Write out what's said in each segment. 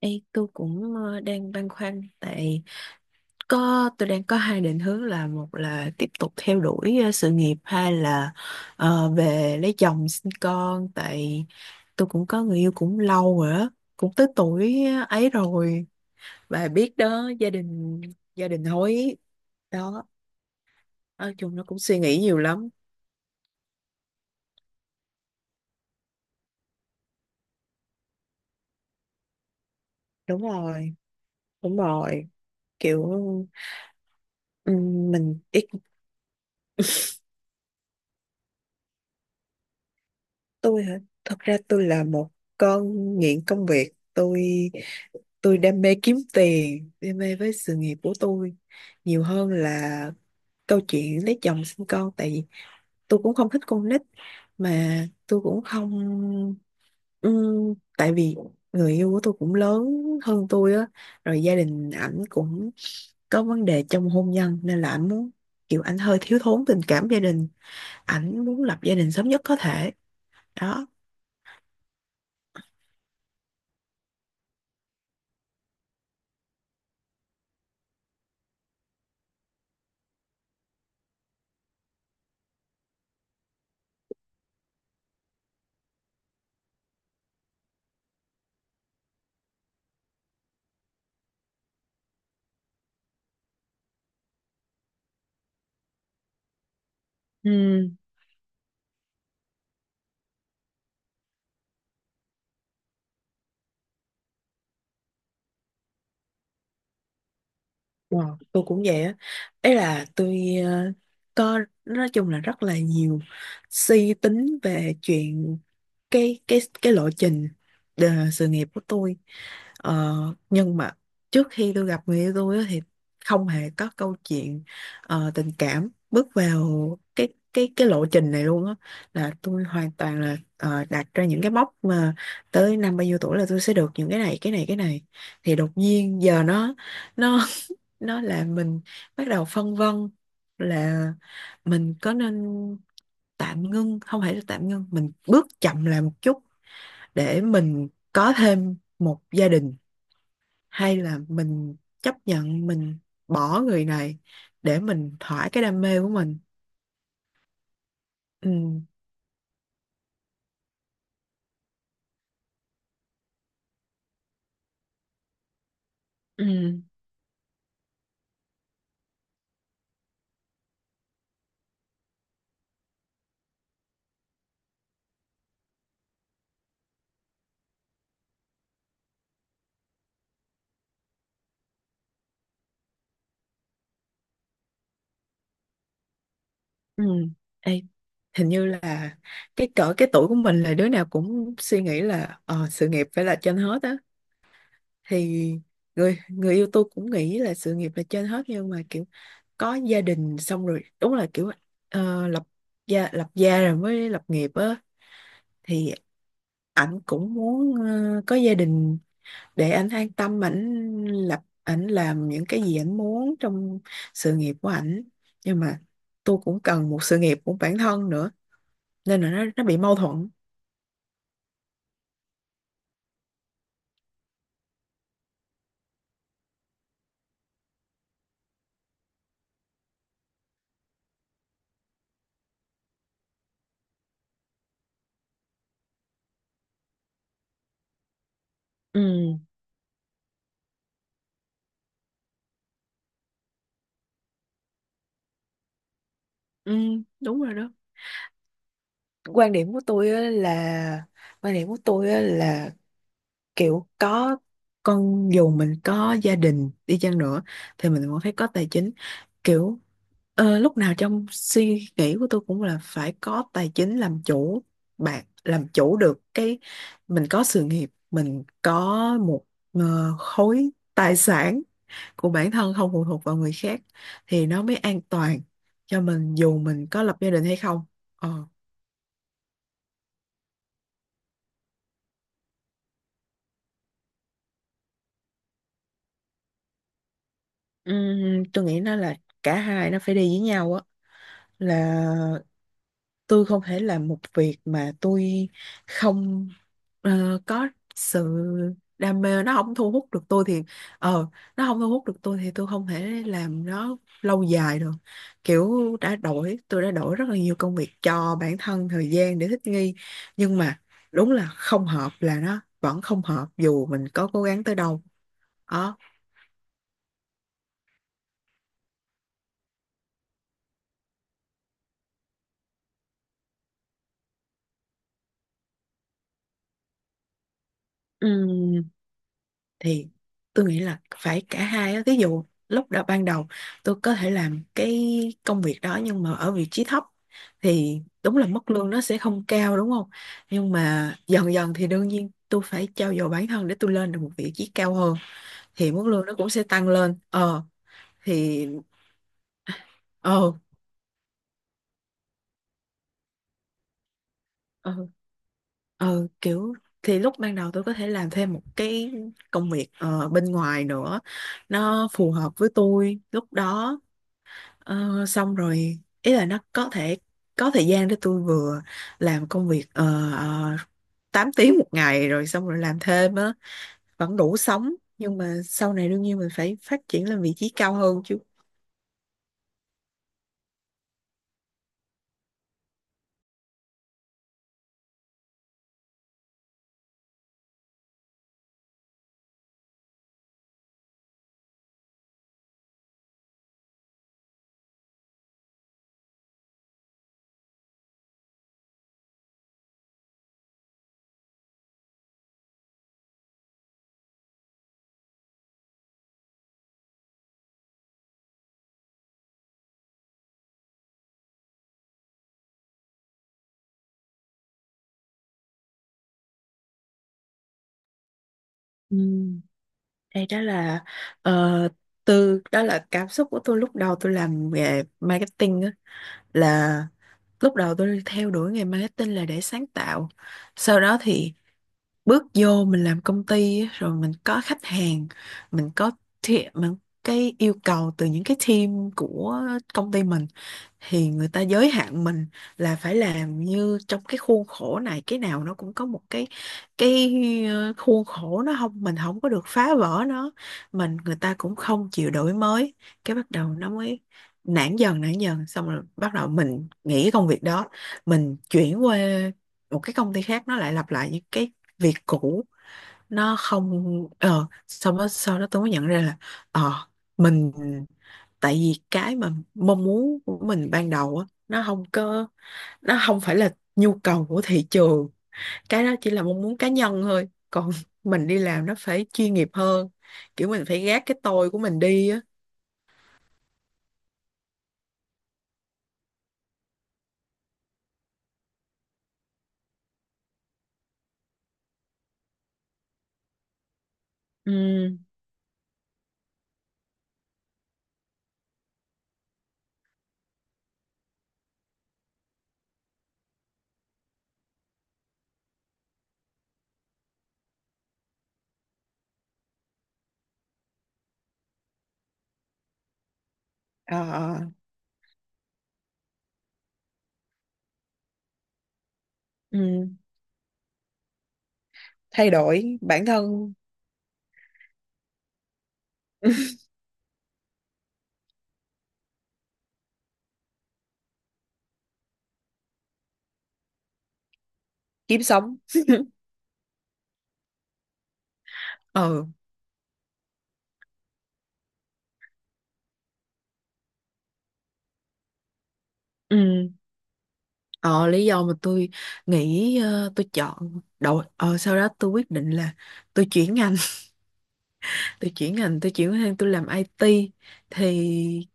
Ê, tôi cũng đang băn khoăn tại có tôi đang có hai định hướng là một là tiếp tục theo đuổi sự nghiệp, hai là về lấy chồng sinh con tại tôi cũng có người yêu cũng lâu rồi á, cũng tới tuổi ấy rồi, bà biết đó, gia đình hối đó, nói chung nó cũng suy nghĩ nhiều lắm. Đúng rồi đúng rồi kiểu mình ít. Tôi hả? Thật ra tôi là một con nghiện công việc. Tôi đam mê kiếm tiền, đam mê với sự nghiệp của tôi nhiều hơn là câu chuyện lấy chồng sinh con. Tại vì tôi cũng không thích con nít mà tôi cũng không. Tại vì người yêu của tôi cũng lớn hơn tôi á, rồi gia đình ảnh cũng có vấn đề trong hôn nhân nên là ảnh muốn kiểu ảnh hơi thiếu thốn tình cảm gia đình, ảnh muốn lập gia đình sớm nhất có thể đó. Ừ. Wow, tôi cũng vậy á. Ấy là tôi có, nói chung là rất là nhiều suy tính về chuyện cái lộ trình sự nghiệp của tôi. Ờ, nhưng mà trước khi tôi gặp người yêu tôi á, thì không hề có câu chuyện tình cảm bước vào cái lộ trình này luôn á, là tôi hoàn toàn là đặt ra những cái mốc mà tới năm bao nhiêu tuổi là tôi sẽ được những cái này cái này cái này. Thì đột nhiên giờ nó nó là mình bắt đầu phân vân là mình có nên tạm ngưng, không phải là tạm ngưng, mình bước chậm lại một chút để mình có thêm một gia đình, hay là mình chấp nhận mình bỏ người này để mình thỏa cái đam mê của mình. Ừ. Ừ. Ừ. Ê, hình như là cái cỡ cái tuổi của mình là đứa nào cũng suy nghĩ là sự nghiệp phải là trên hết á. Thì người người yêu tôi cũng nghĩ là sự nghiệp là trên hết, nhưng mà kiểu có gia đình xong rồi, đúng là kiểu ờ, lập lập gia rồi mới lập nghiệp á. Thì ảnh cũng muốn có gia đình để ảnh an tâm, ảnh lập ảnh làm những cái gì ảnh muốn trong sự nghiệp của ảnh. Nhưng mà tôi cũng cần một sự nghiệp của bản thân nữa, nên là nó bị mâu thuẫn. Ừ. Ừ, đúng rồi đó. Quan điểm của tôi á là quan điểm của tôi á là kiểu có con, dù mình có gia đình đi chăng nữa, thì mình cũng phải có tài chính. Kiểu lúc nào trong suy nghĩ của tôi cũng là phải có tài chính làm chủ, bạn làm chủ được cái mình có sự nghiệp, mình có một khối tài sản của bản thân không phụ thuộc vào người khác thì nó mới an toàn cho mình, dù mình có lập gia đình hay không. Ờ. Tôi nghĩ nó là cả hai, nó phải đi với nhau á. Là tôi không thể làm một việc mà tôi không có sự đam mê, nó không thu hút được tôi thì ờ, nó không thu hút được tôi thì tôi không thể làm nó lâu dài được. Kiểu đã đổi tôi đã đổi rất là nhiều công việc cho bản thân, thời gian để thích nghi, nhưng mà đúng là không hợp là nó vẫn không hợp dù mình có cố gắng tới đâu đó. Ừ, thì tôi nghĩ là phải cả hai á. Ví dụ lúc đầu ban đầu tôi có thể làm cái công việc đó nhưng mà ở vị trí thấp thì đúng là mức lương nó sẽ không cao, đúng không? Nhưng mà dần dần thì đương nhiên tôi phải trau dồi bản thân để tôi lên được một vị trí cao hơn, thì mức lương nó cũng sẽ tăng lên. Ờ, thì ờ ờ kiểu thì lúc ban đầu tôi có thể làm thêm một cái công việc bên ngoài nữa, nó phù hợp với tôi lúc đó. Ờ, xong rồi ý là nó có thể có thời gian để tôi vừa làm công việc 8 tiếng một ngày rồi xong rồi làm thêm á, vẫn đủ sống, nhưng mà sau này đương nhiên mình phải phát triển lên vị trí cao hơn chứ. Ừ. Đây đó là ờ, từ đó là cảm xúc của tôi lúc đầu tôi làm nghề marketing á, là lúc đầu tôi theo đuổi nghề marketing là để sáng tạo. Sau đó thì bước vô mình làm công ty á, rồi mình có khách hàng, mình có mình cái yêu cầu từ những cái team của công ty mình thì người ta giới hạn mình là phải làm như trong cái khuôn khổ này, cái nào nó cũng có một cái khuôn khổ, nó không mình không có được phá vỡ nó, mình người ta cũng không chịu đổi mới. Cái bắt đầu nó mới nản dần, xong rồi bắt đầu mình nghỉ cái công việc đó, mình chuyển qua một cái công ty khác, nó lại lặp lại những cái việc cũ. Nó không ờ, xong đó sau đó tôi mới nhận ra là ờ mình, tại vì cái mà mong muốn của mình ban đầu á nó không có, nó không phải là nhu cầu của thị trường, cái đó chỉ là mong muốn cá nhân thôi, còn mình đi làm nó phải chuyên nghiệp hơn, kiểu mình phải gác cái tôi của mình đi á. Ừ. Ờ. Ờ, ừ, thay đổi bản thân. Kiếm sống. Ừ. Ừ. Ờ, lý do mà tôi nghĩ tôi chọn đầu ờ, sau đó tôi quyết định là tôi chuyển ngành. Tôi chuyển ngành, tôi chuyển sang tôi làm IT thì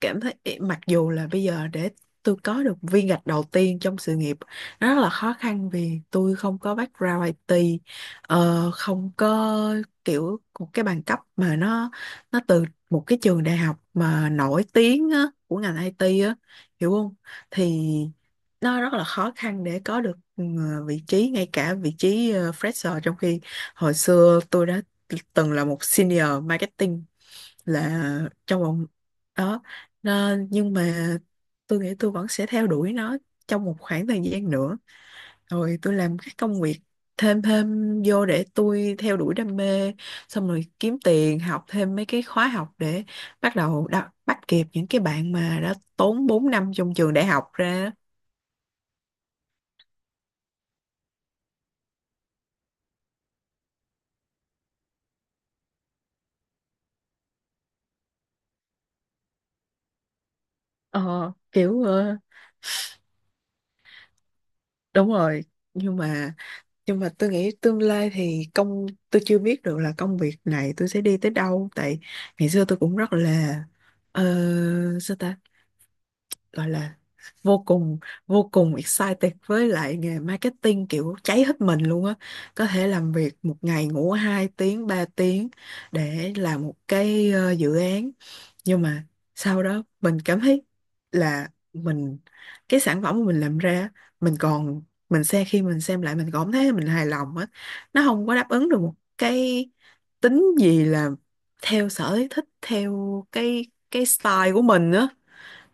cảm thấy mặc dù là bây giờ để tôi có được viên gạch đầu tiên trong sự nghiệp nó rất là khó khăn vì tôi không có background IT, không có kiểu một cái bằng cấp mà nó từ một cái trường đại học mà nổi tiếng á, của ngành IT á, hiểu không? Thì nó rất là khó khăn để có được ừ, vị trí, ngay cả vị trí fresher, trong khi hồi xưa tôi đã từng là một senior marketing, là trong vòng đó. Đó, nhưng mà tôi nghĩ tôi vẫn sẽ theo đuổi nó trong một khoảng thời gian nữa, rồi tôi làm các công việc thêm thêm vô để tôi theo đuổi đam mê, xong rồi kiếm tiền học thêm mấy cái khóa học để bắt đầu bắt kịp những cái bạn mà đã tốn 4 năm trong trường đại học ra. Ờ kiểu ờ, đúng rồi. Nhưng mà nhưng mà tôi nghĩ tương lai thì công tôi chưa biết được là công việc này tôi sẽ đi tới đâu tại ngày xưa tôi cũng rất là ờ, sao ta gọi là vô cùng vô cùng excited với lại nghề marketing, kiểu cháy hết mình luôn á. Có thể làm việc một ngày ngủ 2 tiếng 3 tiếng để làm một cái dự án, nhưng mà sau đó mình cảm thấy là mình cái sản phẩm mà mình làm ra mình còn mình xem khi mình xem lại mình còn thấy mình hài lòng á, nó không có đáp ứng được một cái tính gì là theo sở thích, theo cái style của mình á.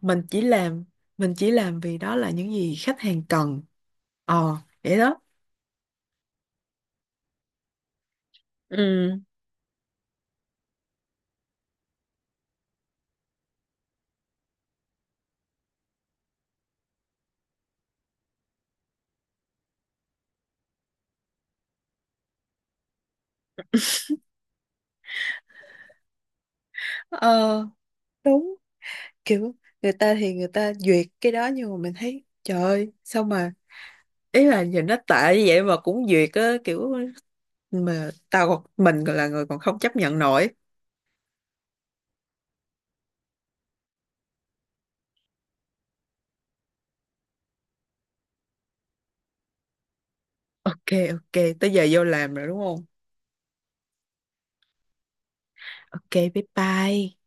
Mình chỉ làm mình chỉ làm vì đó là những gì khách hàng cần. Ờ, vậy đó. Ừ, ờ đúng. Kiểu người ta thì người ta duyệt cái đó nhưng mà mình thấy trời ơi sao mà, ý là nhìn nó tệ như vậy mà cũng duyệt á kiểu, mà tao còn mình còn là người còn không chấp nhận nổi. OK. OK, tới giờ vô làm rồi đúng không? OK, bye bye.